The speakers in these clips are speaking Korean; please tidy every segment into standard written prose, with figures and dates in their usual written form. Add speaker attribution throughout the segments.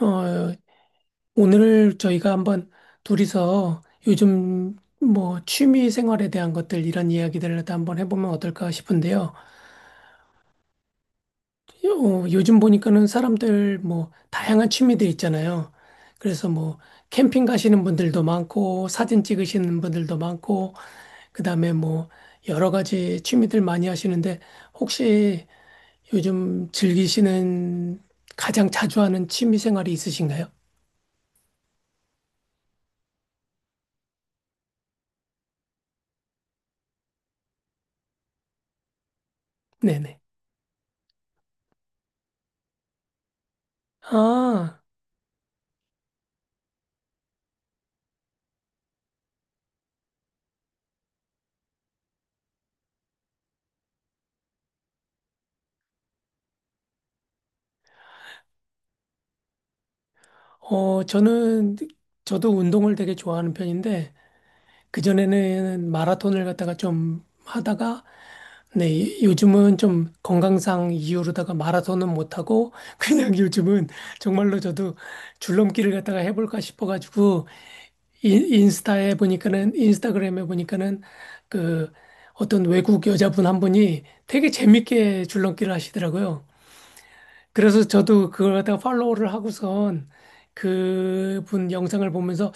Speaker 1: 어, 오늘 저희가 한번 둘이서 요즘 뭐 취미 생활에 대한 것들 이런 이야기들을 다 한번 해보면 어떨까 싶은데요. 요즘 보니까는 사람들 뭐 다양한 취미들 있잖아요. 그래서 뭐 캠핑 가시는 분들도 많고 사진 찍으시는 분들도 많고 그다음에 뭐 여러 가지 취미들 많이 하시는데 혹시 요즘 즐기시는 가장 자주 하는 취미 생활이 있으신가요? 네네. 아. 어, 저는, 저도 운동을 되게 좋아하는 편인데, 그전에는 마라톤을 갖다가 좀 하다가, 네, 요즘은 좀 건강상 이유로다가 마라톤은 못하고, 그냥 요즘은 정말로 저도 줄넘기를 갖다가 해볼까 싶어가지고, 인스타그램에 보니까는, 그, 어떤 외국 여자분 한 분이 되게 재밌게 줄넘기를 하시더라고요. 그래서 저도 그걸 갖다가 팔로우를 하고선 그분 영상을 보면서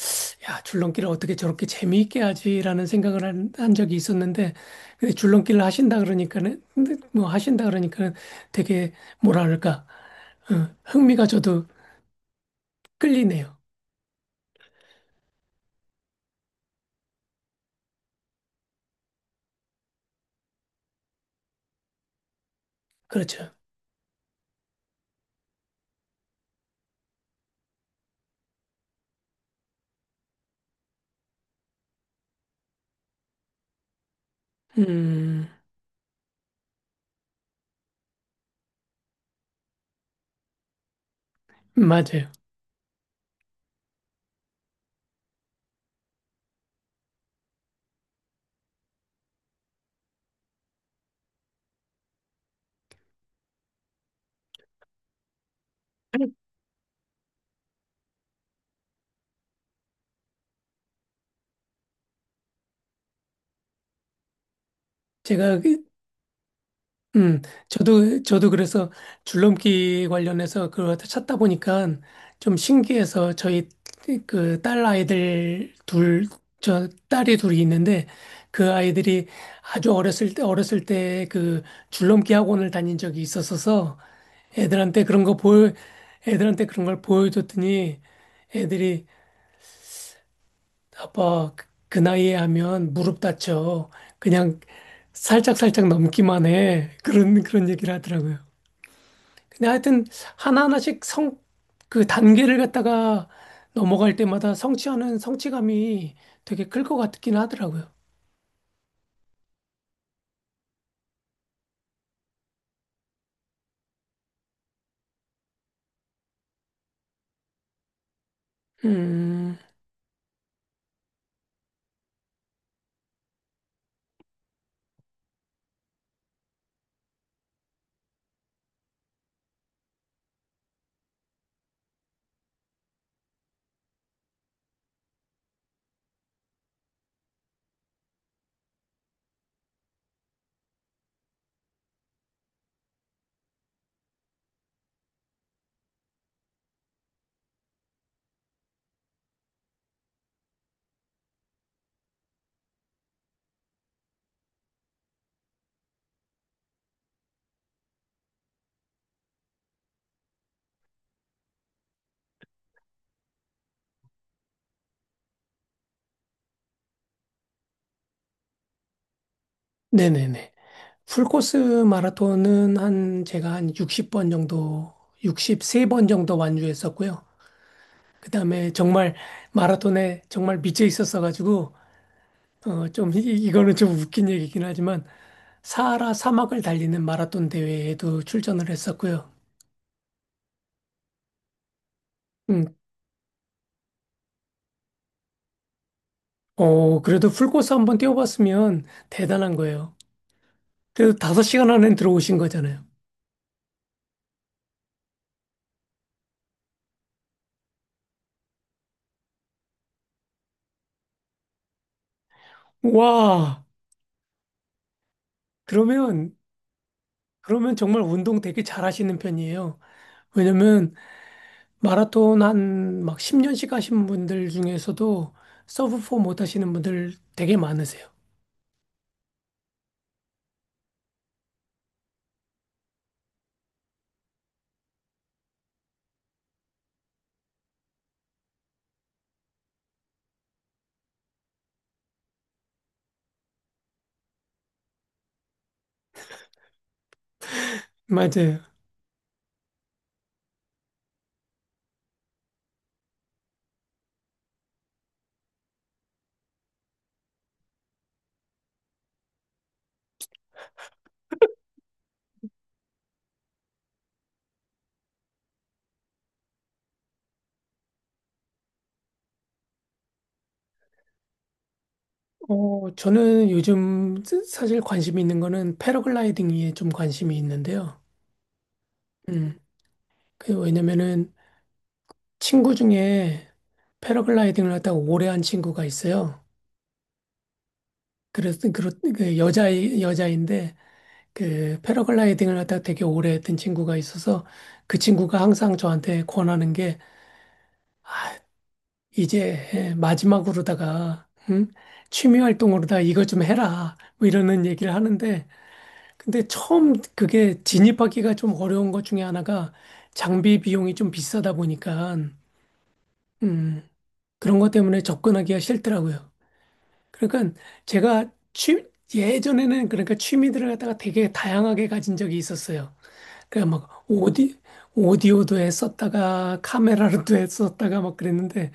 Speaker 1: 야, 줄넘기를 어떻게 저렇게 재미있게 하지라는 생각을 한 적이 있었는데 근데 줄넘기를 하신다 그러니까는 근데 뭐 하신다 그러니까는 되게 뭐랄까, 흥미가 저도 끌리네요. 그렇죠. 음, 맞아요. 제가 그 음, 저도 그래서 줄넘기 관련해서 그걸 찾다 보니까 좀 신기해서 저희 그 저 딸이 둘이 있는데 그 아이들이 아주 어렸을 때 그 줄넘기 학원을 다닌 적이 있었어서 애들한테 그런 거 보여, 애들한테 그런 걸 보여줬더니 애들이 아빠 그그 나이에 하면 무릎 다쳐. 그냥 살짝살짝 넘기만 해. 그런 얘기를 하더라고요. 근데 하여튼 하나하나씩 성, 그 단계를 갖다가 넘어갈 때마다 성취하는 성취감이 되게 클 것 같긴 하더라고요. 음, 네네네. 풀코스 마라톤은 제가 한 60번 정도, 63번 정도 완주했었고요. 그 다음에 정말 마라톤에 정말 미쳐 있었어가지고, 좀, 이거는 좀 웃긴 얘기긴 하지만, 사하라 사막을 달리는 마라톤 대회에도 출전을 했었고요. 음. 그래도 풀코스 한번 뛰어봤으면 대단한 거예요. 그래도 5시간 안에 들어오신 거잖아요. 와, 그러면, 그러면 정말 운동 되게 잘하시는 편이에요. 왜냐면 마라톤 한 막 10년씩 하신 분들 중에서도 서브4 못 하시는 분들 되게 많으세요. 맞아요. 저는 요즘 사실 관심 있는 거는 패러글라이딩에 좀 관심이 있는데요. 음, 그 왜냐면은 친구 중에 패러글라이딩을 하다가 오래 한 친구가 있어요. 그래서 그 여자인데 그 패러글라이딩을 하다가 되게 오래 했던 친구가 있어서 그 친구가 항상 저한테 권하는 게 이제 마지막으로다가, 응? 취미 활동으로다가 이거 좀 해라 뭐 이러는 얘기를 하는데 근데 처음 그게 진입하기가 좀 어려운 것 중에 하나가 장비 비용이 좀 비싸다 보니까 음, 그런 것 때문에 접근하기가 싫더라고요. 그러니까 제가 취, 예전에는 그러니까 취미들을 갖다가 되게 다양하게 가진 적이 있었어요. 그러니까 막 오디오도 했었다가 카메라로도 했었다가 막 그랬는데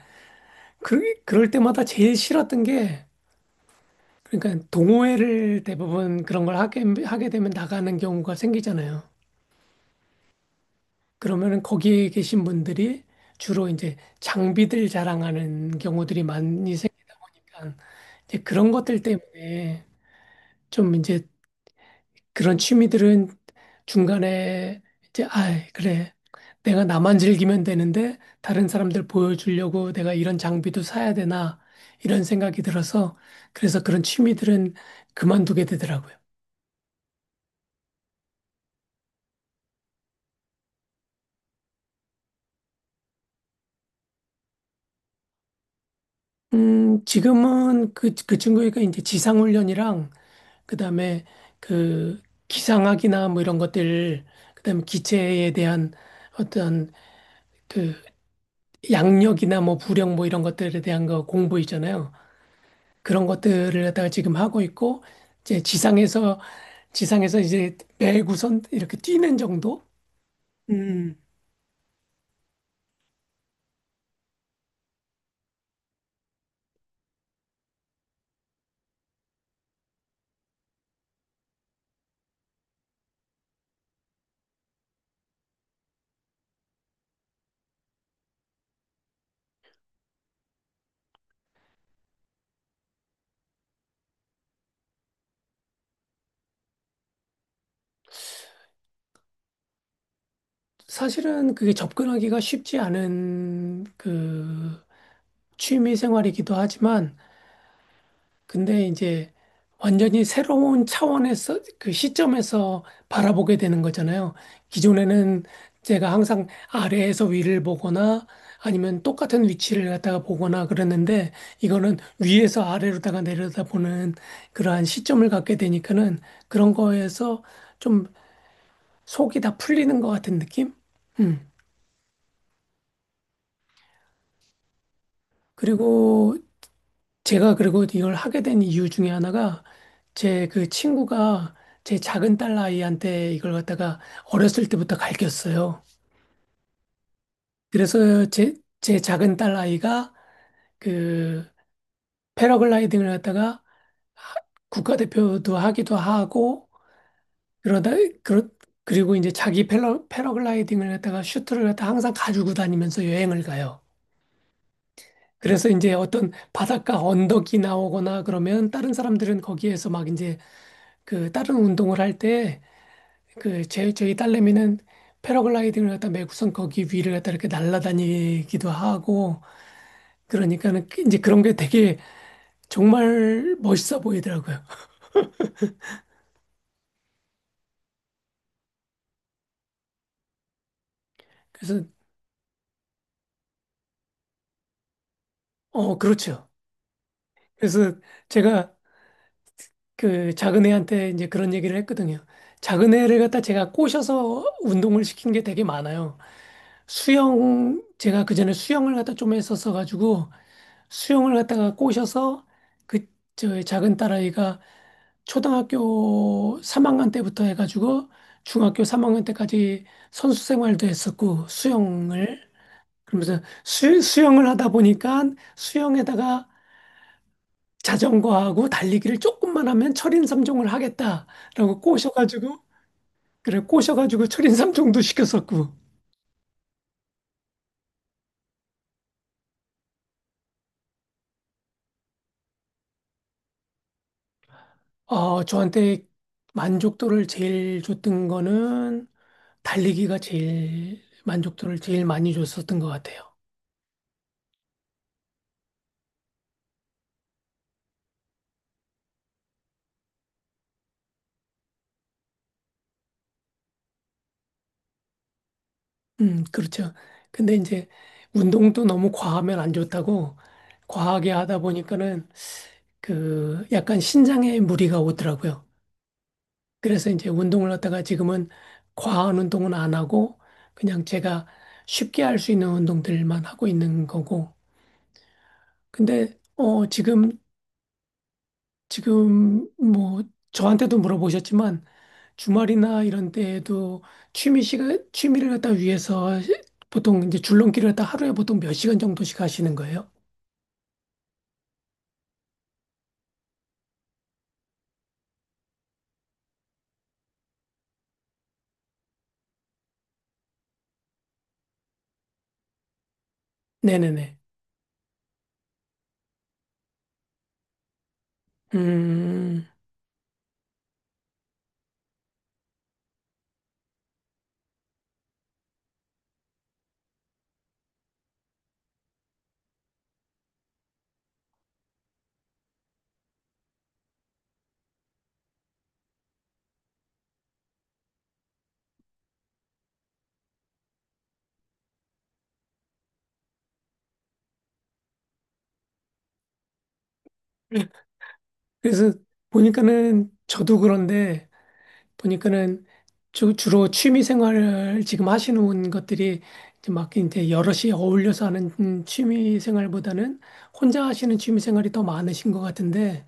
Speaker 1: 그럴 때마다 제일 싫었던 게, 그러니까 동호회를 대부분 그런 걸 하게 되면 나가는 경우가 생기잖아요. 그러면은 거기에 계신 분들이 주로 이제 장비들 자랑하는 경우들이 많이 생기다 보니까 이제 그런 것들 때문에 좀 이제 그런 취미들은 중간에 이제, 아, 그래. 내가 나만 즐기면 되는데 다른 사람들 보여주려고 내가 이런 장비도 사야 되나 이런 생각이 들어서 그래서 그런 취미들은 그만두게 되더라고요. 지금은 그 친구가 이제 지상훈련이랑 그다음에 그 기상학이나 뭐 이런 것들 그다음에 기체에 대한 어떤 그 양력이나 뭐 부력 뭐 이런 것들에 대한 거 공부 있잖아요. 그런 것들을 갖다가 지금 하고 있고 이제 지상에서 이제 매구선 이렇게 뛰는 정도? 음, 사실은 그게 접근하기가 쉽지 않은 그 취미 생활이기도 하지만 근데 이제 완전히 새로운 차원에서 그 시점에서 바라보게 되는 거잖아요. 기존에는 제가 항상 아래에서 위를 보거나 아니면 똑같은 위치를 갖다가 보거나 그랬는데 이거는 위에서 아래로다가 내려다보는 그러한 시점을 갖게 되니까는 그런 거에서 좀 속이 다 풀리는 것 같은 느낌? 음. 그리고 제가 그리고 이걸 하게 된 이유 중에 하나가 제 그 친구가 제 작은 딸 아이한테 이걸 갖다가 어렸을 때부터 가르쳤어요. 그래서 제 작은 딸 아이가 그 패러글라이딩을 갖다가 하- 국가대표도 하기도 하고 그러다 그러, 그리고 이제 자기 패러, 패러글라이딩을 갖다가 슈트를 갖다 항상 가지고 다니면서 여행을 가요. 그래서 이제 어떤 바닷가 언덕이 나오거나 그러면 다른 사람들은 거기에서 막 이제 그 다른 운동을 할 때 그 제 저희 딸내미는 패러글라이딩을 갖다 매구선 거기 위를 갖다 이렇게 날아다니기도 하고 그러니까는 이제 그런 게 되게 정말 멋있어 보이더라고요. 그래서, 그렇죠. 그래서 제가 그 작은 애한테 이제 그런 얘기를 했거든요. 작은 애를 갖다 제가 꼬셔서 운동을 시킨 게 되게 많아요. 수영, 제가 그전에 수영을 갖다 좀 했었어가지고, 수영을 갖다가 꼬셔서 그, 저 작은 딸아이가 초등학교 3학년 때부터 해가지고 중학교 3학년 때까지 선수 생활도 했었고 수영을. 그러면서 수영을 하다 보니까 수영에다가 자전거하고 달리기를 조금만 하면 철인 삼종을 하겠다라고 꼬셔가지고 그래 꼬셔가지고 철인 삼종도 시켰었고, 저한테 만족도를 제일 줬던 거는 달리기가 제일 만족도를 제일 많이 줬었던 것 같아요. 음, 그렇죠. 근데 이제 운동도 너무 과하면 안 좋다고 과하게 하다 보니까는 그 약간 신장에 무리가 오더라고요. 그래서 이제 운동을 갖다가 지금은 과한 운동은 안 하고 그냥 제가 쉽게 할 수 있는 운동들만 하고 있는 거고. 근데 지금 뭐 저한테도 물어보셨지만 주말이나 이런 때에도 취미 시간 취미를 갖다 위해서 보통 이제 줄넘기를 갖다 하루에 보통 몇 시간 정도씩 하시는 거예요? 네네네. 음. 그래서 보니까는 저도 그런데 보니까는 주로 취미 생활을 지금 하시는 것들이 이제 막 이제 여럿이 어울려서 하는 취미 생활보다는 혼자 하시는 취미 생활이 더 많으신 것 같은데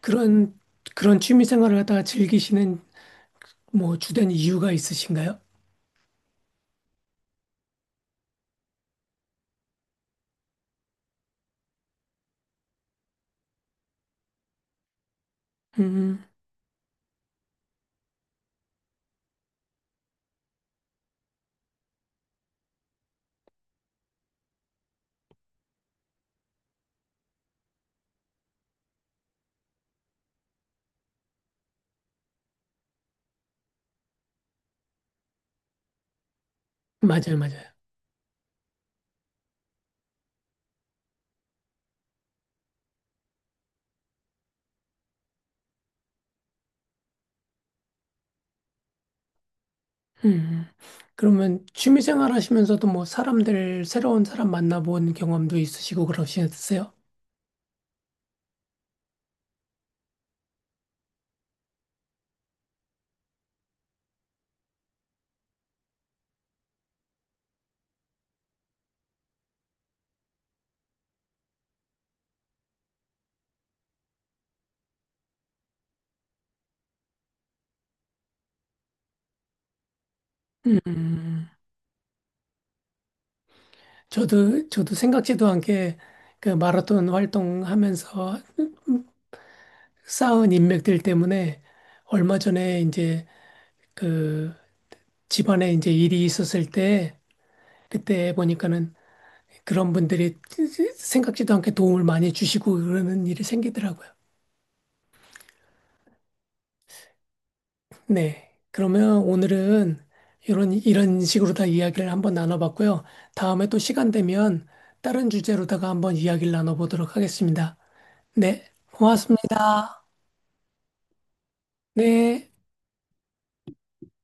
Speaker 1: 그런 그런 취미 생활을 갖다가 즐기시는 뭐 주된 이유가 있으신가요? 음, 맞아요, 맞아요. 음, 음. 그러면 취미 생활 하시면서도 뭐 사람들 새로운 사람 만나본 경험도 있으시고 그러시겠어요? 음. 저도 생각지도 않게 그 마라톤 활동하면서 쌓은 인맥들 때문에 얼마 전에 이제 그 집안에 이제 일이 있었을 때 그때 보니까는 그런 분들이 생각지도 않게 도움을 많이 주시고 그러는 일이 생기더라고요. 네. 그러면 오늘은 이런 식으로 다 이야기를 한번 나눠봤고요. 다음에 또 시간 되면 다른 주제로다가 한번 이야기를 나눠보도록 하겠습니다. 네. 고맙습니다. 네.